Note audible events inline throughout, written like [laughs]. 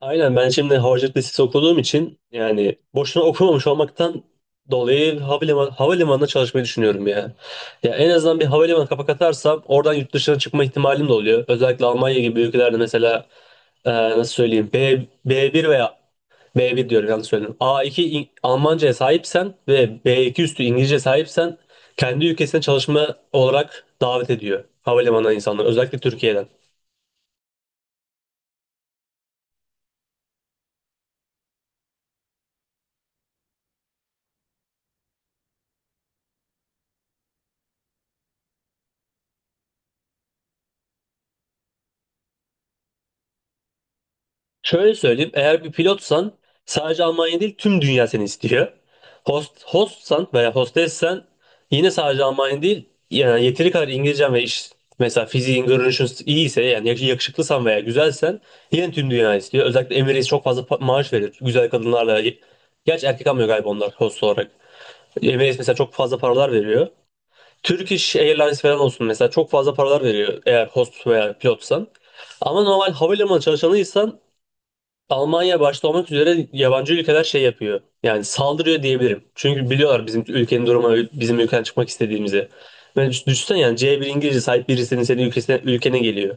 Aynen ben şimdi havacılık lisesi okuduğum için yani boşuna okumamış olmaktan dolayı havalimanında çalışmayı düşünüyorum ya. Ya en azından bir havalimanı kapak atarsam oradan yurt dışına çıkma ihtimalim de oluyor. Özellikle Almanya gibi ülkelerde mesela nasıl söyleyeyim B1 veya B1 diyorum yanlış söyledim. A2 Almanca'ya sahipsen ve B2 üstü İngilizce sahipsen kendi ülkesine çalışma olarak davet ediyor havalimanına insanlar özellikle Türkiye'den. Şöyle söyleyeyim, eğer bir pilotsan sadece Almanya değil tüm dünya seni istiyor. Hostsan veya hostessen yine sadece Almanya değil yani yeteri kadar İngilizcen ve iş mesela fiziğin, görünüşün iyiyse yani yakışıklısan veya güzelsen yine tüm dünya istiyor. Özellikle Emirates çok fazla maaş verir güzel kadınlarla. Gerçi erkek almıyor galiba onlar host olarak. Emirates mesela çok fazla paralar veriyor. Turkish Airlines falan olsun mesela çok fazla paralar veriyor eğer host veya pilotsan. Ama normal havalimanı çalışanıysan Almanya başta olmak üzere yabancı ülkeler şey yapıyor. Yani saldırıyor diyebilirim. Çünkü biliyorlar bizim ülkenin durumu, bizim ülkeden çıkmak istediğimizi. Ve düşünsene yani C1 İngilizce sahip birisinin senin ülkene geliyor.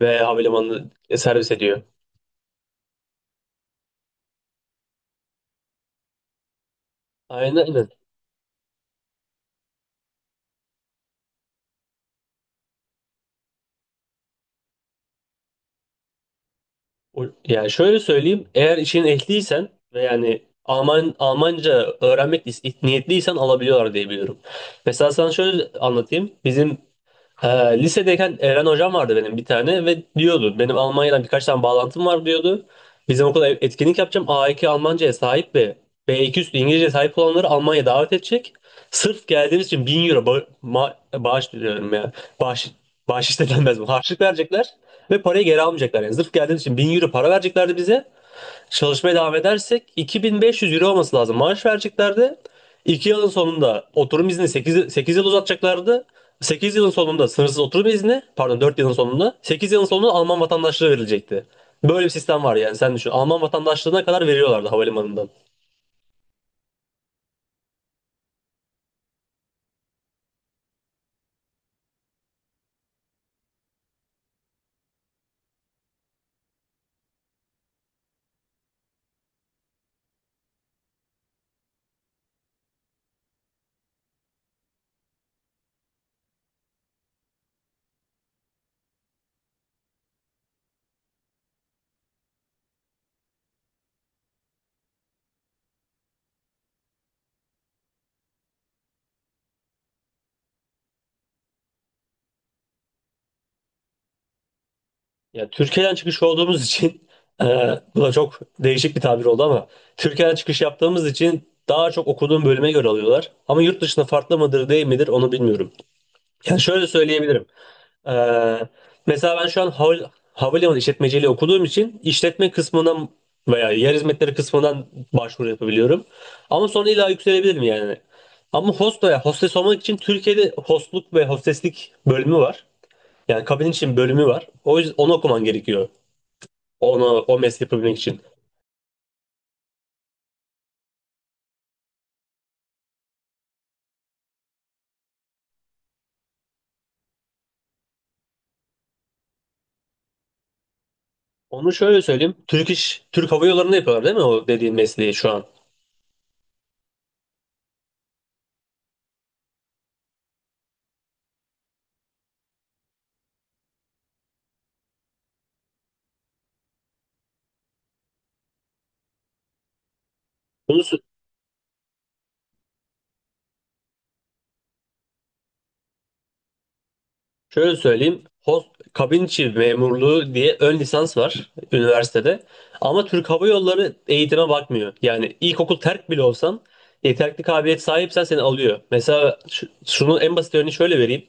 Ve havalimanını servis ediyor. Aynen, aynen. Yani şöyle söyleyeyim. Eğer işin ehliysen ve yani Almanca öğrenmek niyetliysen alabiliyorlar diye biliyorum. Mesela sana şöyle anlatayım. Bizim Ha, lisedeyken Eren hocam vardı benim bir tane ve diyordu benim Almanya'dan birkaç tane bağlantım var diyordu. Bizim okula etkinlik yapacağım. A2 Almanca'ya sahip ve B2 üstü İngilizce'ye sahip olanları Almanya'ya davet edecek. Sırf geldiğimiz için 1.000 euro bağış diyorum ya. Bağış, bağış istedenmez bu. Harçlık [laughs] verecekler ve parayı geri almayacaklar. Yani sırf geldiğimiz için 1000 euro para vereceklerdi bize. Çalışmaya devam edersek 2.500 euro olması lazım. Maaş vereceklerdi. 2 yılın sonunda oturum izni 8, 8 yıl uzatacaklardı. 8 yılın sonunda sınırsız oturum izni, pardon 4 yılın sonunda, 8 yılın sonunda Alman vatandaşlığı verilecekti. Böyle bir sistem var yani sen düşün. Alman vatandaşlığına kadar veriyorlardı havalimanından. Yani Türkiye'den çıkış olduğumuz için [laughs] e, bu da çok değişik bir tabir oldu ama Türkiye'den çıkış yaptığımız için daha çok okuduğum bölüme göre alıyorlar. Ama yurt dışında farklı mıdır değil midir onu bilmiyorum. Ya şöyle söyleyebilirim. Ee, mesela ben şu an havalimanı işletmeciliği okuduğum için işletme kısmından veya yer hizmetleri kısmından başvuru yapabiliyorum. Ama sonra illa yükselebilirim yani. Ama host veya hostes olmak için Türkiye'de hostluk ve hosteslik bölümü var. Yani kabin için bölümü var. O yüzden onu okuman gerekiyor. O mesleği yapabilmek için. Onu şöyle söyleyeyim. Türk Hava Yolları'nda yapıyorlar değil mi o dediğin mesleği şu an? Bunu, Şöyle söyleyeyim. Kabin içi memurluğu diye ön lisans var üniversitede. Ama Türk Hava Yolları eğitime bakmıyor. Yani ilkokul terk bile olsan yeterli kabiliyet sahipsen seni alıyor. Mesela şunun en basit örneğini şöyle vereyim.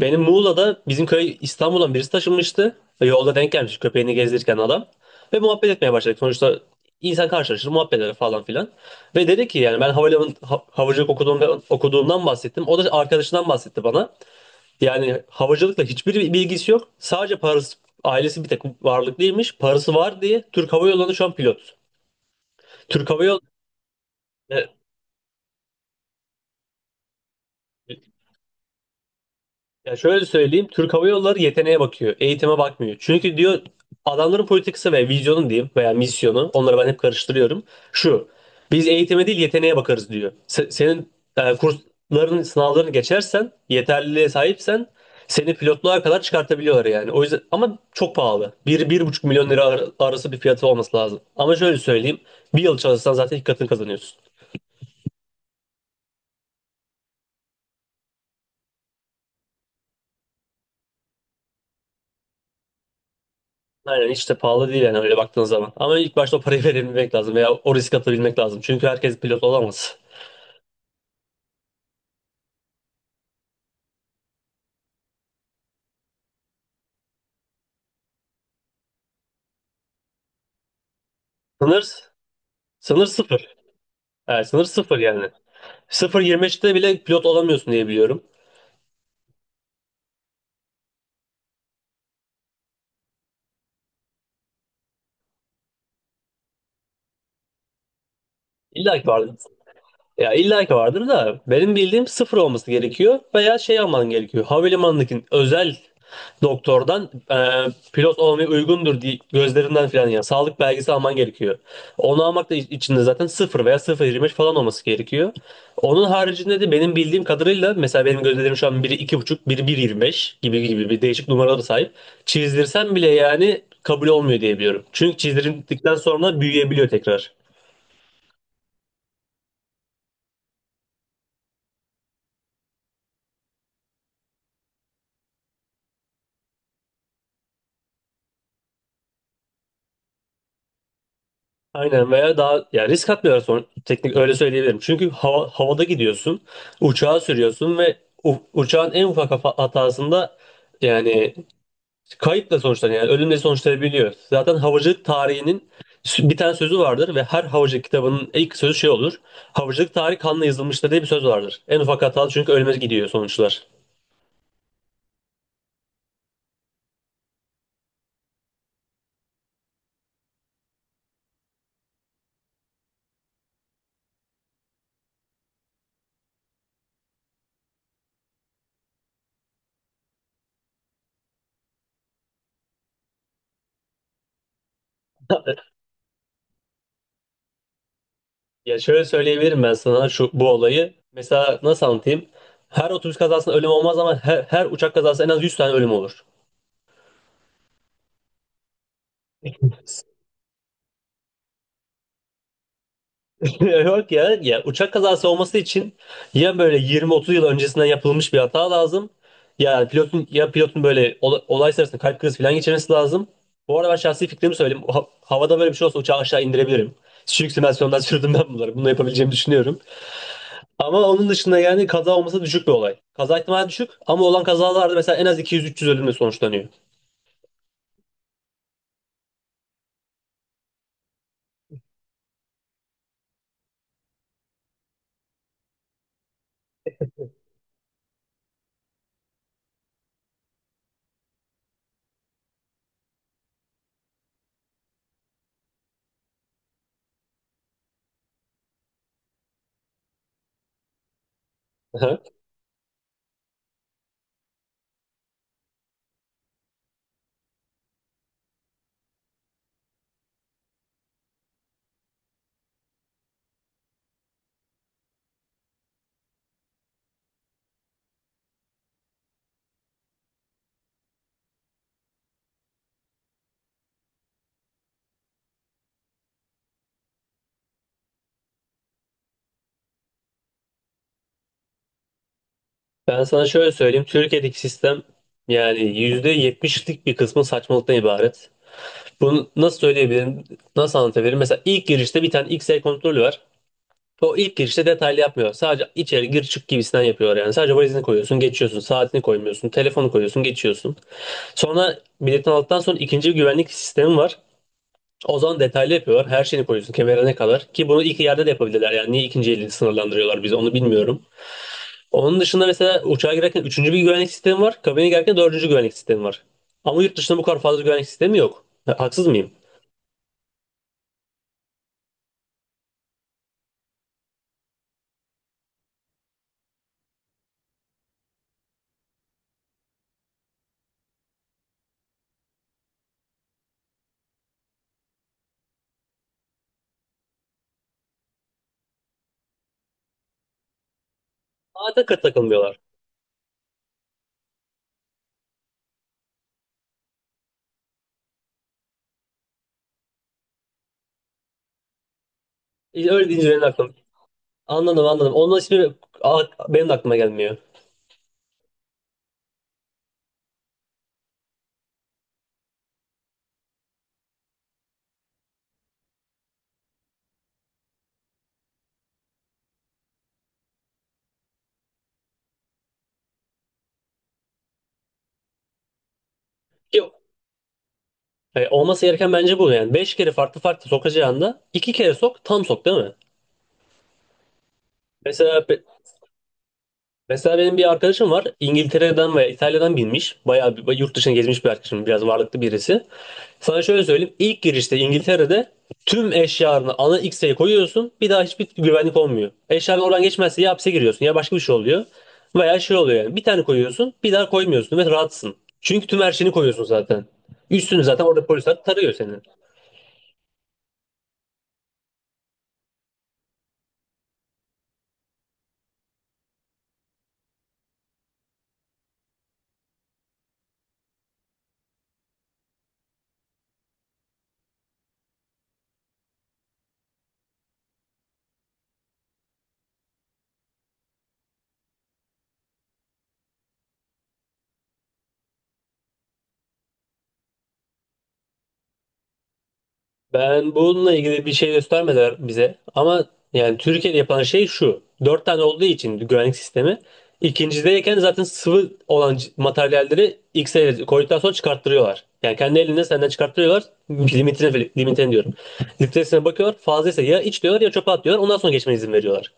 Benim Muğla'da bizim köy İstanbul'dan birisi taşınmıştı. Yolda denk gelmiş köpeğini gezdirirken adam. Ve muhabbet etmeye başladık. Sonuçta insan karşılaşır, muhabbet eder falan filan. Ve dedi ki yani ben havacılık okuduğumdan bahsettim. O da arkadaşından bahsetti bana. Yani havacılıkla hiçbir bilgisi yok. Sadece parası ailesi bir tek varlıklıymış. Parası var diye Türk Hava Yolları'nda şu an pilot. Türk Hava Yolları Ya şöyle söyleyeyim, Türk Hava Yolları yeteneğe bakıyor, eğitime bakmıyor. Çünkü diyor adamların politikası ve vizyonu diyeyim veya misyonu, onları ben hep karıştırıyorum. Şu, biz eğitime değil yeteneğe bakarız diyor. Senin kursların, sınavlarını geçersen, yeterliliğe sahipsen seni pilotluğa kadar çıkartabiliyorlar yani. O yüzden ama çok pahalı. Bir 1,5 milyon lira arası bir fiyatı olması lazım. Ama şöyle söyleyeyim, bir yıl çalışsan zaten iki katını kazanıyorsun. Aynen hiç de pahalı değil yani öyle baktığın zaman. Ama ilk başta o parayı [laughs] verebilmek lazım veya o risk atabilmek lazım. Çünkü herkes pilot olamaz. Sınır, sınır sıfır. Evet, sınır sıfır yani. 0,25'te bile pilot olamıyorsun diye biliyorum. İlla ki vardır. Ya illa ki vardır da benim bildiğim sıfır olması gerekiyor veya şey alman gerekiyor. Havalimanındaki özel doktordan pilot olmaya uygundur diye gözlerinden falan ya sağlık belgesi alman gerekiyor. Onu almak da içinde zaten sıfır veya 0,25 falan olması gerekiyor. Onun haricinde de benim bildiğim kadarıyla mesela benim gözlerim şu an biri 2,5 biri 1,25 gibi gibi bir değişik numaralara sahip. Çizdirsem bile yani kabul olmuyor diye biliyorum. Çünkü çizdirdikten sonra büyüyebiliyor tekrar. Aynen veya daha ya risk atmıyorlar sonra teknik öyle söyleyebilirim. Çünkü havada gidiyorsun, uçağa sürüyorsun ve uçağın en ufak hatasında yani kayıpla sonuçlanıyor. Yani ölümle sonuçlanabiliyor. Zaten havacılık tarihinin bir tane sözü vardır ve her havacılık kitabının ilk sözü şey olur. Havacılık tarihi kanla yazılmıştır diye bir söz vardır. En ufak hata çünkü ölüme gidiyor sonuçlar. [laughs] Ya şöyle söyleyebilirim ben sana şu bu olayı. Mesela nasıl anlatayım? Her otobüs kazasında ölüm olmaz ama her uçak kazasında en az 100 tane ölüm olur. [laughs] Yok ya, ya uçak kazası olması için ya böyle 20-30 yıl öncesinden yapılmış bir hata lazım. Ya pilotun ya pilotun böyle olay sırasında kalp krizi falan geçirmesi lazım. Bu arada ben şahsi fikrimi söyleyeyim. Havada böyle bir şey olsa uçağı aşağı indirebilirim. Düşük simülasyondan sürdüm ben bunları. Bunu yapabileceğimi düşünüyorum. Ama onun dışında yani kaza olması düşük bir olay. Kaza ihtimali düşük ama olan kazalarda mesela en az 200-300 ölümle sonuçlanıyor. Aha. Ben sana şöyle söyleyeyim. Türkiye'deki sistem yani %70'lik bir kısmı saçmalıktan ibaret. Bunu nasıl söyleyebilirim? Nasıl anlatabilirim? Mesela ilk girişte bir tane X-ray kontrolü var. O ilk girişte detaylı yapmıyor. Sadece içeri gir çık gibisinden yapıyorlar yani. Sadece valizini koyuyorsun, geçiyorsun. Saatini koymuyorsun. Telefonu koyuyorsun, geçiyorsun. Sonra biletini aldıktan sonra ikinci bir güvenlik sistemi var. O zaman detaylı yapıyorlar. Her şeyini koyuyorsun kemerine kadar. Ki bunu ilk yerde de yapabilirler. Yani niye ikinci eli sınırlandırıyorlar bizi onu bilmiyorum. Onun dışında mesela uçağa girerken üçüncü bir güvenlik sistemi var. Kabine girerken dördüncü güvenlik sistemi var. Ama yurt dışında bu kadar fazla güvenlik sistemi yok. Haksız mıyım? Zaten takılmıyorlar. İşte öyle deyince benim aklım. Anladım, anladım. Ondan şimdi a- benim de aklıma gelmiyor. Yok. Olması gereken bence bu yani. Beş kere farklı farklı sokacağında iki kere sok tam sok değil mi? Mesela Mesela benim bir arkadaşım var. İngiltere'den veya İtalya'dan binmiş. Bayağı bir, yurt dışına gezmiş bir arkadaşım. Biraz varlıklı birisi. Sana şöyle söyleyeyim. İlk girişte İngiltere'de tüm eşyalarını ana X'e koyuyorsun. Bir daha hiçbir güvenlik olmuyor. Eşyaların oradan geçmezse ya hapse giriyorsun ya başka bir şey oluyor. Veya şey oluyor yani. Bir tane koyuyorsun bir daha koymuyorsun ve rahatsın. Çünkü tüm her şeyini koyuyorsun zaten. Üstünü zaten orada polisler tarıyor seni. Ben bununla ilgili bir şey göstermediler bize. Ama yani Türkiye'de yapılan şey şu. Dört tane olduğu için güvenlik sistemi. İkincideyken zaten sıvı olan materyalleri ilk sefere koyduktan sonra çıkarttırıyorlar. Yani kendi elinde senden çıkarttırıyorlar. Limitine diyorum. Litresine bakıyorlar. Fazlaysa ya iç diyorlar ya çöpe at diyorlar. Ondan sonra geçmene izin veriyorlar.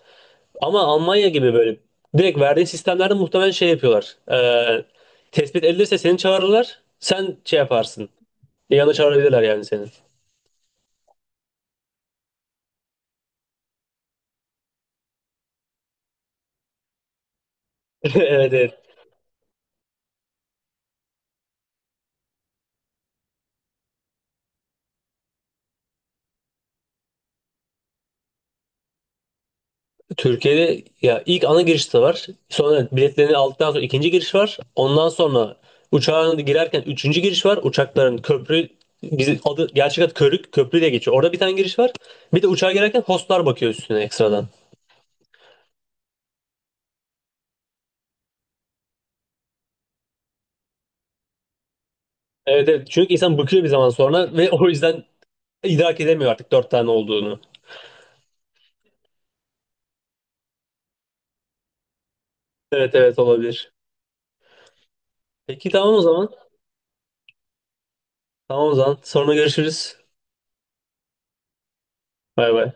Ama Almanya gibi böyle direkt verdiğin sistemlerde muhtemelen şey yapıyorlar. Tespit edilirse seni çağırırlar. Sen şey yaparsın. Yanına çağırabilirler yani seni. [laughs] Evet, evet. Türkiye'de ya ilk ana giriş de var. Sonra biletlerini aldıktan sonra ikinci giriş var. Ondan sonra uçağa girerken üçüncü giriş var. Uçakların köprü bizim adı gerçek adı körük köprü diye geçiyor. Orada bir tane giriş var. Bir de uçağa girerken hostlar bakıyor üstüne ekstradan. Evet, evet. Çünkü insan bıkıyor bir zaman sonra ve [laughs] o yüzden idrak edemiyor artık dört tane olduğunu. Evet, evet, olabilir. Peki, tamam o zaman. Tamam o zaman. Sonra görüşürüz. Bay bay.